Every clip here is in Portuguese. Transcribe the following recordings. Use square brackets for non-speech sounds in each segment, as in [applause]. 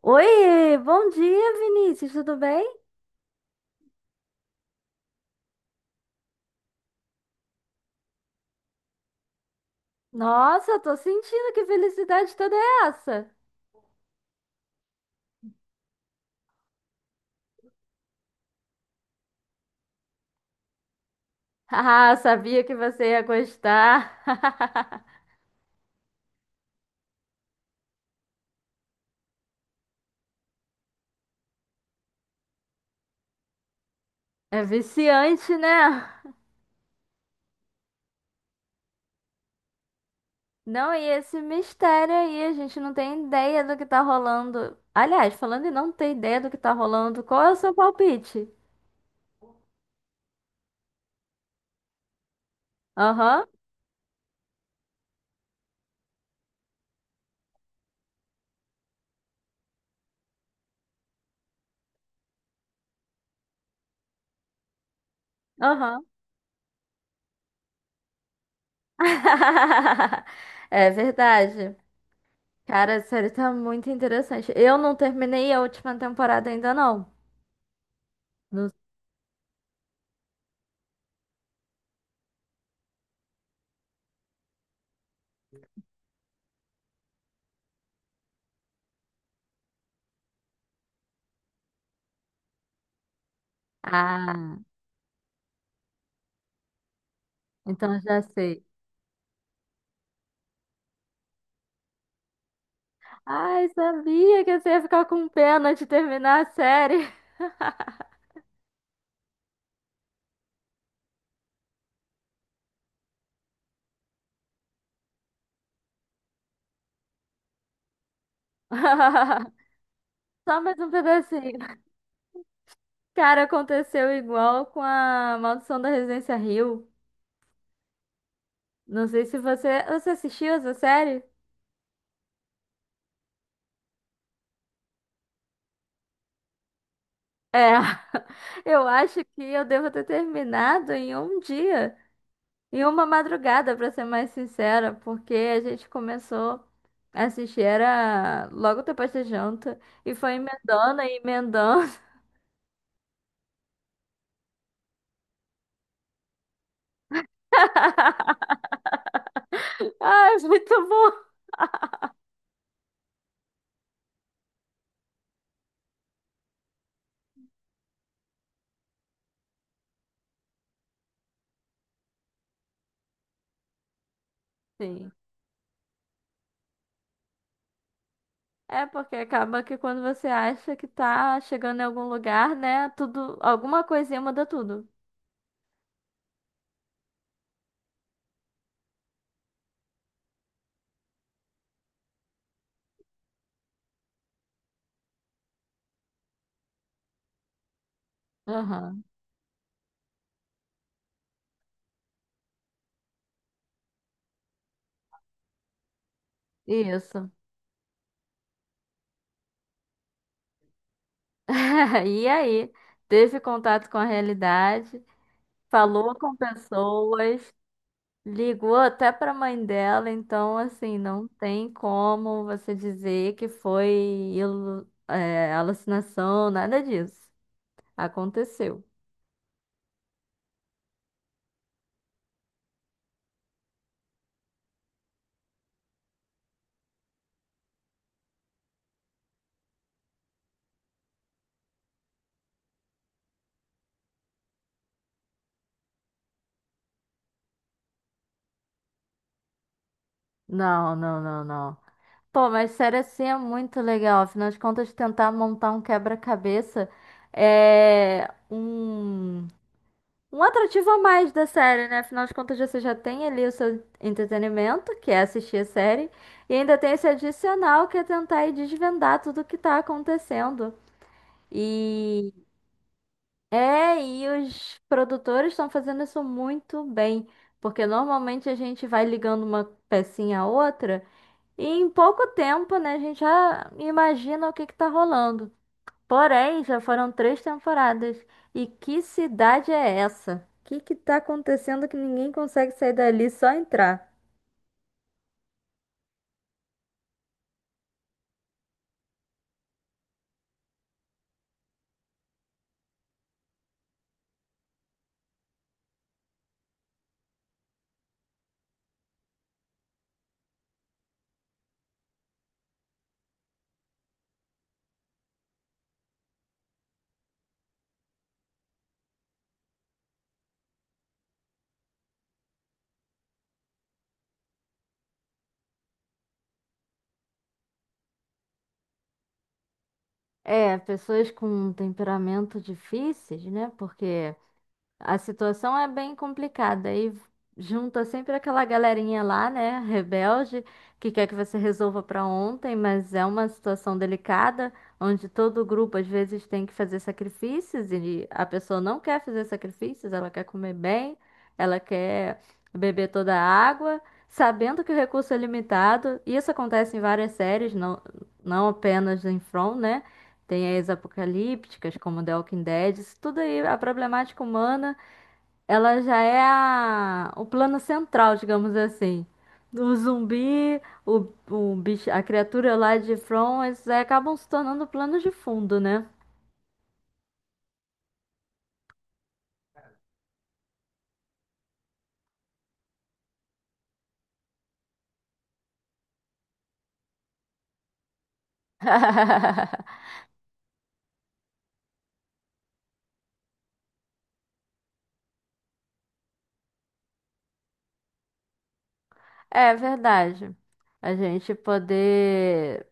Oi, bom dia, Vinícius, tudo bem? Nossa, tô sentindo que felicidade toda é essa. [laughs] Ah, sabia que você ia gostar. [laughs] É viciante, né? Não, e esse mistério aí, a gente não tem ideia do que tá rolando. Aliás, falando em não ter ideia do que tá rolando, qual é o seu palpite? Aham, aham. [laughs] É verdade. Cara, a série tá muito interessante. Eu não terminei a última temporada ainda, não. Não. Ah, então já sei. Ai, sabia que você ia ficar com pena de terminar a série. [laughs] Só mais um pedacinho. Cara, aconteceu igual com a Maldição da Residência Hill. Não sei se você assistiu essa série? É, [laughs] eu acho que eu devo ter terminado em um dia, em uma madrugada, pra ser mais sincera, porque a gente começou a assistir era logo depois da janta e foi emendando e emendando. Ah, [laughs] é muito bom. Sim. É porque acaba que quando você acha que tá chegando em algum lugar, né? Tudo, alguma coisinha muda tudo. Aham, isso. [laughs] E aí, teve contato com a realidade, falou com pessoas, ligou até pra mãe dela, então assim, não tem como você dizer que foi alucinação, nada disso. Aconteceu. Não, não, não, não. Pô, mas sério assim é muito legal. Afinal de contas, tentar montar um quebra-cabeça é um atrativo a mais da série, né? Afinal de contas, você já tem ali o seu entretenimento, que é assistir a série, e ainda tem esse adicional que é tentar ir desvendar tudo o que tá acontecendo. E e os produtores estão fazendo isso muito bem, porque normalmente a gente vai ligando uma pecinha a outra. E em pouco tempo, né, a gente já imagina o que que tá rolando. Porém, já foram três temporadas. E que cidade é essa? O que que tá acontecendo que ninguém consegue sair dali, só entrar? É, pessoas com temperamento difíceis, né? Porque a situação é bem complicada e junta sempre aquela galerinha lá, né, rebelde, que quer que você resolva para ontem, mas é uma situação delicada, onde todo grupo às vezes tem que fazer sacrifícios e a pessoa não quer fazer sacrifícios, ela quer comer bem, ela quer beber toda a água, sabendo que o recurso é limitado. E isso acontece em várias séries, não, não apenas em From, né? Tem as apocalípticas, como The Walking Dead, isso tudo aí, a problemática humana. Ela já é o plano central, digamos assim. O zumbi, o bicho, a criatura lá de From, eles aí acabam se tornando plano de fundo, né? [laughs] É verdade. A gente poder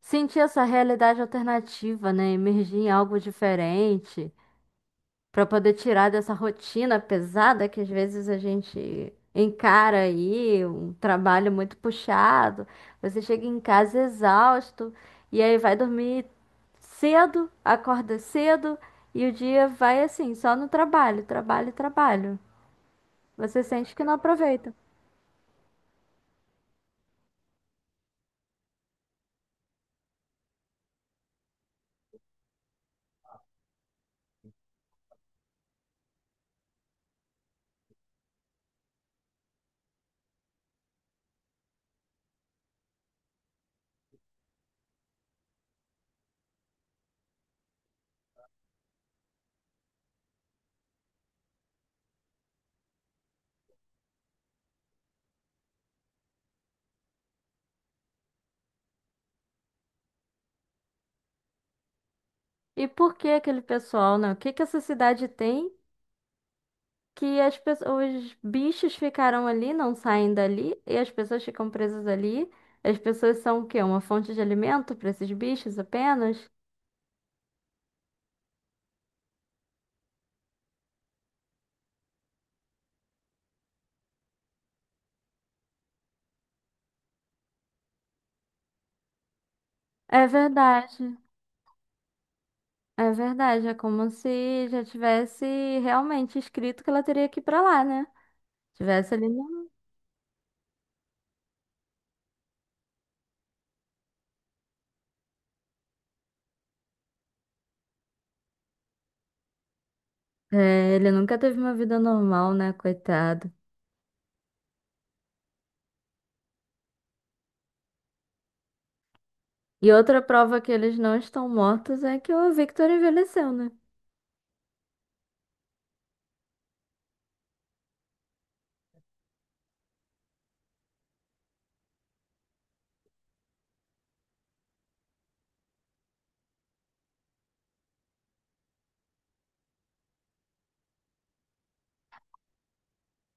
sentir essa realidade alternativa, né? Emergir em algo diferente, para poder tirar dessa rotina pesada que às vezes a gente encara aí, um trabalho muito puxado. Você chega em casa exausto e aí vai dormir cedo, acorda cedo e o dia vai assim, só no trabalho, trabalho, trabalho. Você sente que não aproveita. E por que aquele pessoal, não? O que que essa cidade tem? Que as pessoas, os bichos ficaram ali, não saem dali, e as pessoas ficam presas ali. As pessoas são o quê? Uma fonte de alimento para esses bichos apenas? É verdade, é verdade. É como se já tivesse realmente escrito que ela teria que ir pra lá, né? Tivesse ali. É, ele nunca teve uma vida normal, né? Coitado. E outra prova que eles não estão mortos é que o Victor envelheceu, né?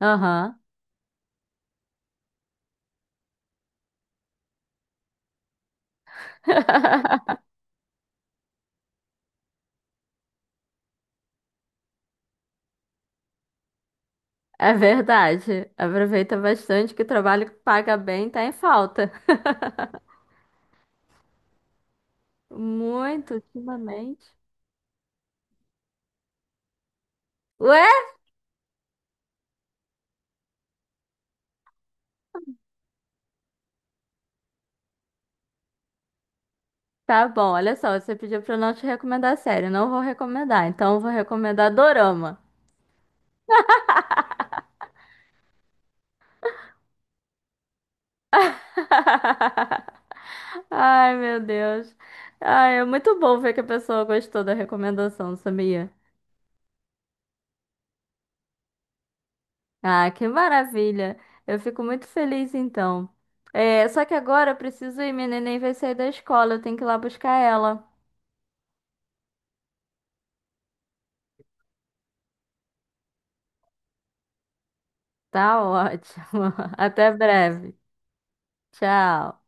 Aham. É verdade. Aproveita bastante que o trabalho que paga bem tá em falta. Muito ultimamente. Ué? Tá bom, olha só, você pediu pra eu não te recomendar série, eu não vou recomendar, então eu vou recomendar dorama. [laughs] Ai, meu Deus. Ai, é muito bom ver que a pessoa gostou da recomendação, sabia? Ah, que maravilha. Eu fico muito feliz então. É, só que agora eu preciso ir, minha neném vai sair da escola, eu tenho que ir lá buscar ela. Tá ótimo. [laughs] Até breve. Tchau.